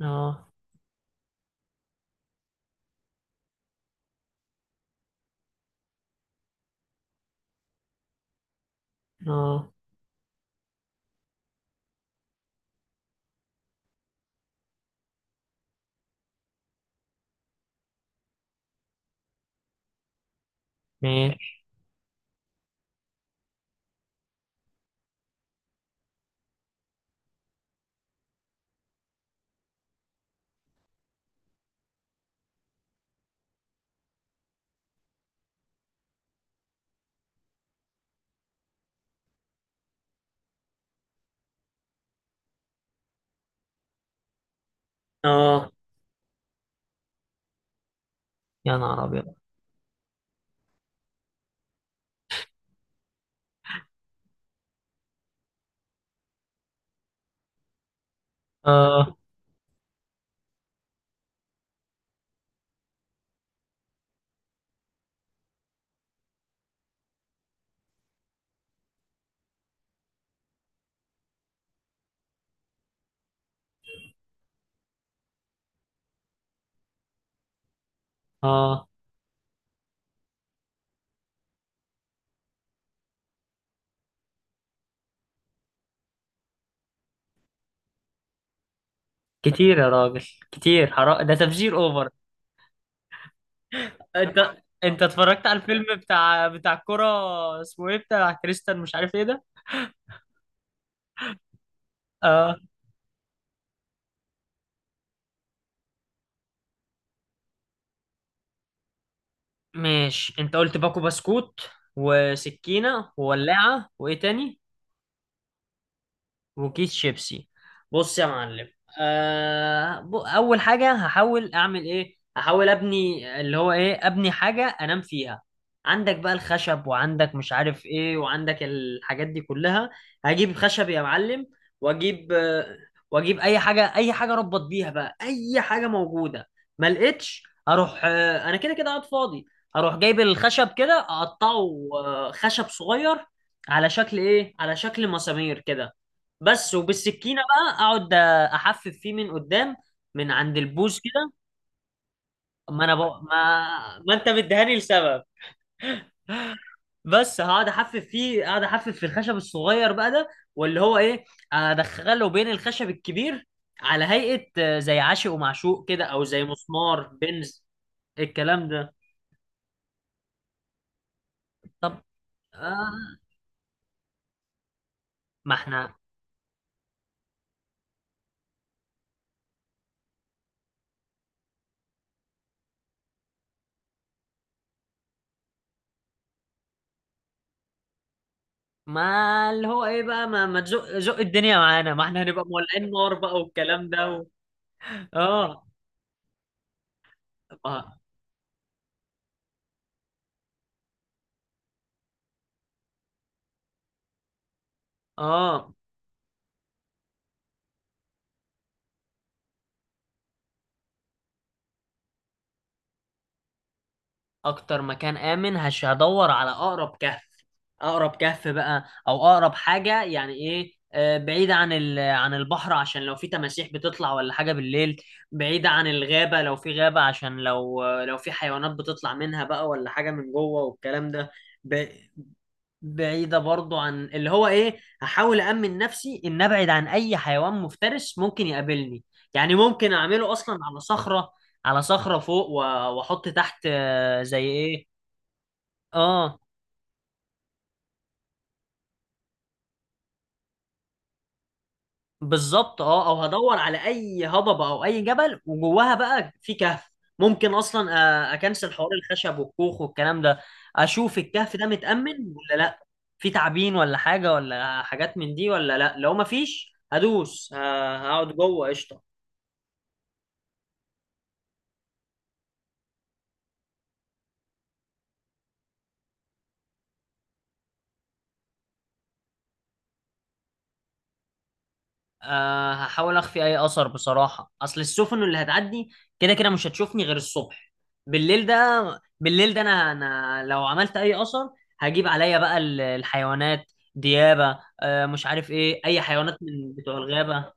اه. اه. ماشي. اه. يا نهار ابيض. اه. اه. كتير يا راجل، كتير حرام ده، تفجير اوفر. انت انت اتفرجت على الفيلم بتاع الكرة اسمه ايه؟ بتاع كريستال مش عارف ايه ده. اه، ماشي. انت قلت باكو بسكوت وسكينة وولاعة وايه تاني؟ وكيس شيبسي. بص يا معلم، اول حاجه هحاول ابني اللي هو ايه، ابني حاجه انام فيها. عندك بقى الخشب وعندك مش عارف ايه وعندك الحاجات دي كلها. هجيب خشب يا معلم، واجيب آه، واجيب اي حاجه، اي حاجه اربط بيها بقى، اي حاجه موجوده. ما لقيتش اروح. انا كده كده قاعد فاضي، هروح جايب الخشب كده اقطعه. خشب صغير على شكل ايه على شكل مسامير كده، بس. وبالسكينه بقى اقعد احفف فيه من قدام، من عند البوز كده. ما انا بقى، ما انت مديهاني لسبب. بس هقعد احفف فيه، اقعد احفف في الخشب الصغير بقى ده، واللي هو ايه، ادخله بين الخشب الكبير على هيئه، زي عاشق ومعشوق كده، او زي مسمار بنز، الكلام ده. طب، آه ما احنا، ما اللي هو ايه بقى، ما تزق زق الدنيا معانا، ما احنا هنبقى مولعين نار بقى والكلام ده. اه. ما- اه، اكتر مكان امن هدور على اقرب كهف، اقرب كهف بقى، او اقرب حاجه يعني ايه، بعيدة عن عن البحر، عشان لو في تماسيح بتطلع ولا حاجة بالليل، بعيدة عن الغابة لو في غابة، عشان لو في حيوانات بتطلع منها بقى ولا حاجة من جوه والكلام ده. ب- بعيدة برضو عن اللي هو ايه، هحاول أأمن نفسي إن أبعد عن أي حيوان مفترس ممكن يقابلني، يعني ممكن أعمله أصلا على صخرة فوق، وأحط تحت، زي ايه. اه، بالظبط. اه، او هدور على اي هضبة او اي جبل وجواها بقى في كهف. ممكن اصلا، اكنسل حوار الخشب والكوخ والكلام ده، اشوف الكهف ده متأمن ولا لا، في تعابين ولا حاجة ولا حاجات من دي ولا لا. لو مفيش هدوس هقعد جوه قشطة. أه، هحاول اخفي اي اثر بصراحه، اصل السفن اللي هتعدي كده كده مش هتشوفني غير الصبح. بالليل ده، بالليل ده انا لو عملت اي اثر هجيب عليا بقى الحيوانات ديابه، أه، مش عارف ايه، اي حيوانات من بتوع الغابه.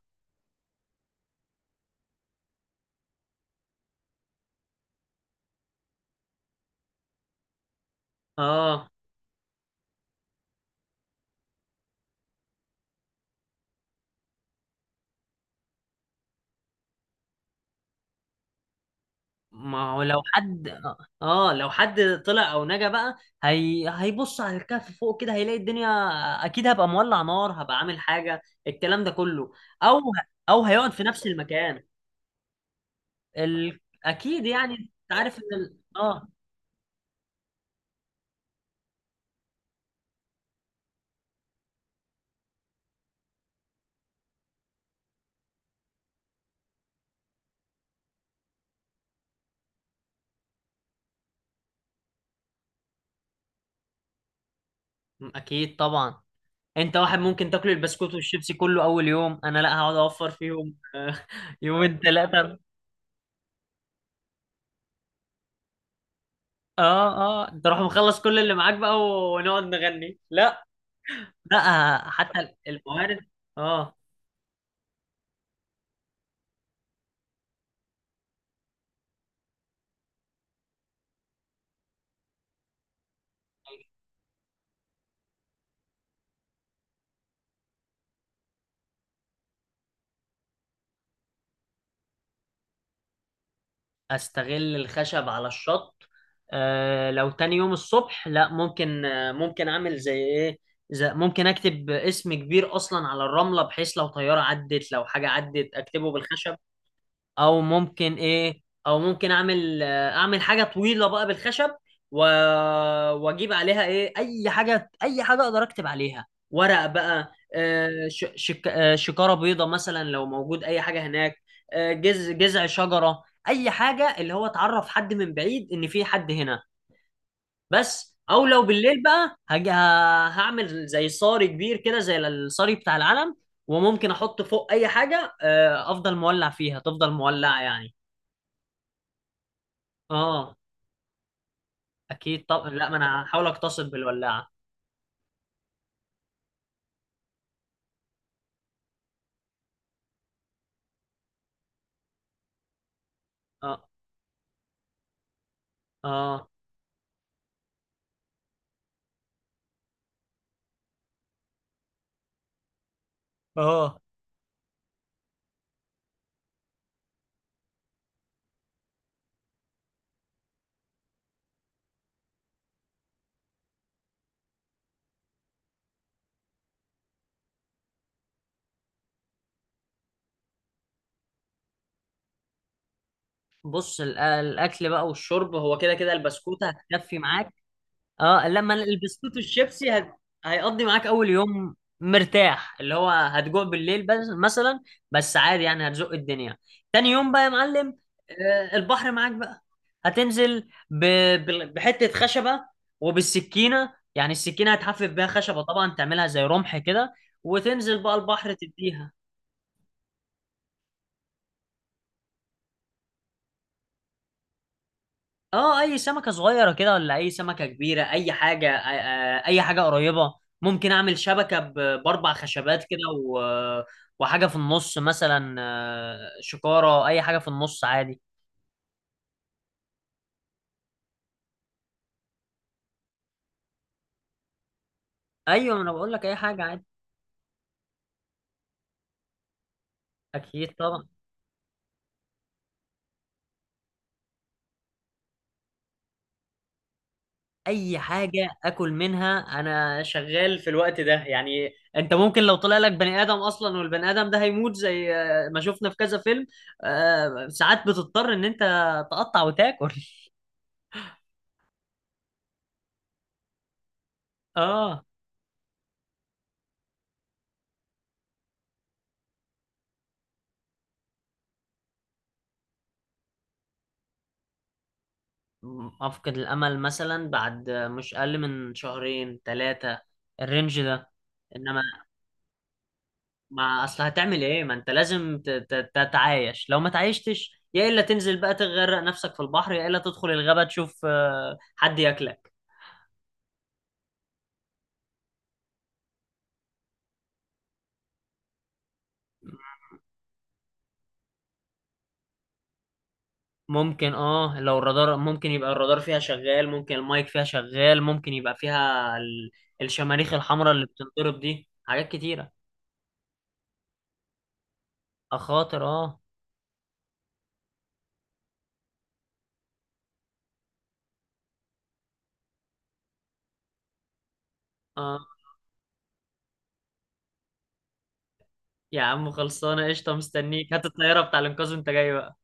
اه. ما هو لو حد، اه، لو حد طلع او نجا بقى هيبص على الكهف فوق كده هيلاقي الدنيا، اكيد هبقى مولع نار، هبقى عامل حاجه، الكلام ده كله. او او هيقعد في نفس المكان. اكيد يعني، انت عارف ان اه، اكيد طبعا. انت واحد ممكن تاكل البسكوت والشيبسي كله اول يوم، انا لا، هقعد اوفر فيهم يومين ثلاثه. اه. اه، انت روح مخلص كل اللي معاك بقى ونقعد نغني؟ لا. لا، حتى الموارد. اه. استغل الخشب على الشط؟ لو تاني يوم الصبح لا، ممكن، ممكن اعمل زي ايه؟ زي، ممكن اكتب اسم كبير اصلا على الرمله، بحيث لو طياره عدت، لو حاجه عدت، اكتبه بالخشب. او ممكن ايه، او ممكن اعمل حاجه طويله بقى بالخشب. و... واجيب عليها ايه، اي حاجه، اي حاجه اقدر اكتب عليها ورق بقى، آه، ش... شك... آه، شكاره بيضه مثلا لو موجود اي حاجه هناك، جذع شجره، اي حاجه اللي هو اتعرف حد من بعيد ان في حد هنا، بس. او لو بالليل بقى هعمل زي صاري كبير كده، زي الصاري بتاع العلم، وممكن احط فوق اي حاجه، افضل مولع فيها تفضل مولعه يعني. اه، اكيد طبعا. لا، ما انا هحاول اقتصد بالولاعه. اه. اه. اه. بص، الاكل بقى والشرب هو كده كده البسكوته هتكفي معاك. اه، لما البسكوت والشيبسي هيقضي معاك اول يوم مرتاح، اللي هو هتجوع بالليل بس مثلا، بس عادي يعني هتزق الدنيا. تاني يوم بقى يا معلم، البحر معاك بقى، هتنزل ب... بحته خشبه، وبالسكينه، يعني السكينه هتحفف بيها خشبه طبعا، تعملها زي رمح كده، وتنزل بقى البحر تديها. اه، اي سمكة صغيرة كده ولا اي سمكة كبيرة، اي حاجة، اي حاجة قريبة. ممكن اعمل شبكة باربع خشبات كده، و... وحاجة في النص مثلا، شكارة اي حاجة في النص عادي. ايوه، انا بقول لك اي حاجة عادي. اكيد طبعا، اي حاجة اكل منها انا شغال في الوقت ده يعني. انت ممكن لو طلع لك بني ادم اصلا، والبني ادم ده هيموت زي، ما شفنا في كذا فيلم، ساعات بتضطر ان انت تقطع وتاكل. اه. أفقد الأمل مثلا بعد مش أقل من شهرين ثلاثة، الرينج ده. إنما، ما أصل هتعمل إيه؟ ما أنت لازم تتعايش، لو ما تعايشتش يا إلا تنزل بقى تغرق نفسك في البحر، يا إلا تدخل الغابة تشوف حد ياكلك. ممكن، اه، لو الرادار ممكن يبقى الرادار فيها شغال، ممكن المايك فيها شغال، ممكن يبقى فيها الشماريخ الحمراء اللي بتنضرب دي، حاجات كتيرة. أخاطر، اه. آه. يا عم خلصانه قشطه، مستنيك هات الطياره بتاع الانقاذ وانت جاي بقى.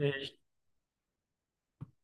قشطة.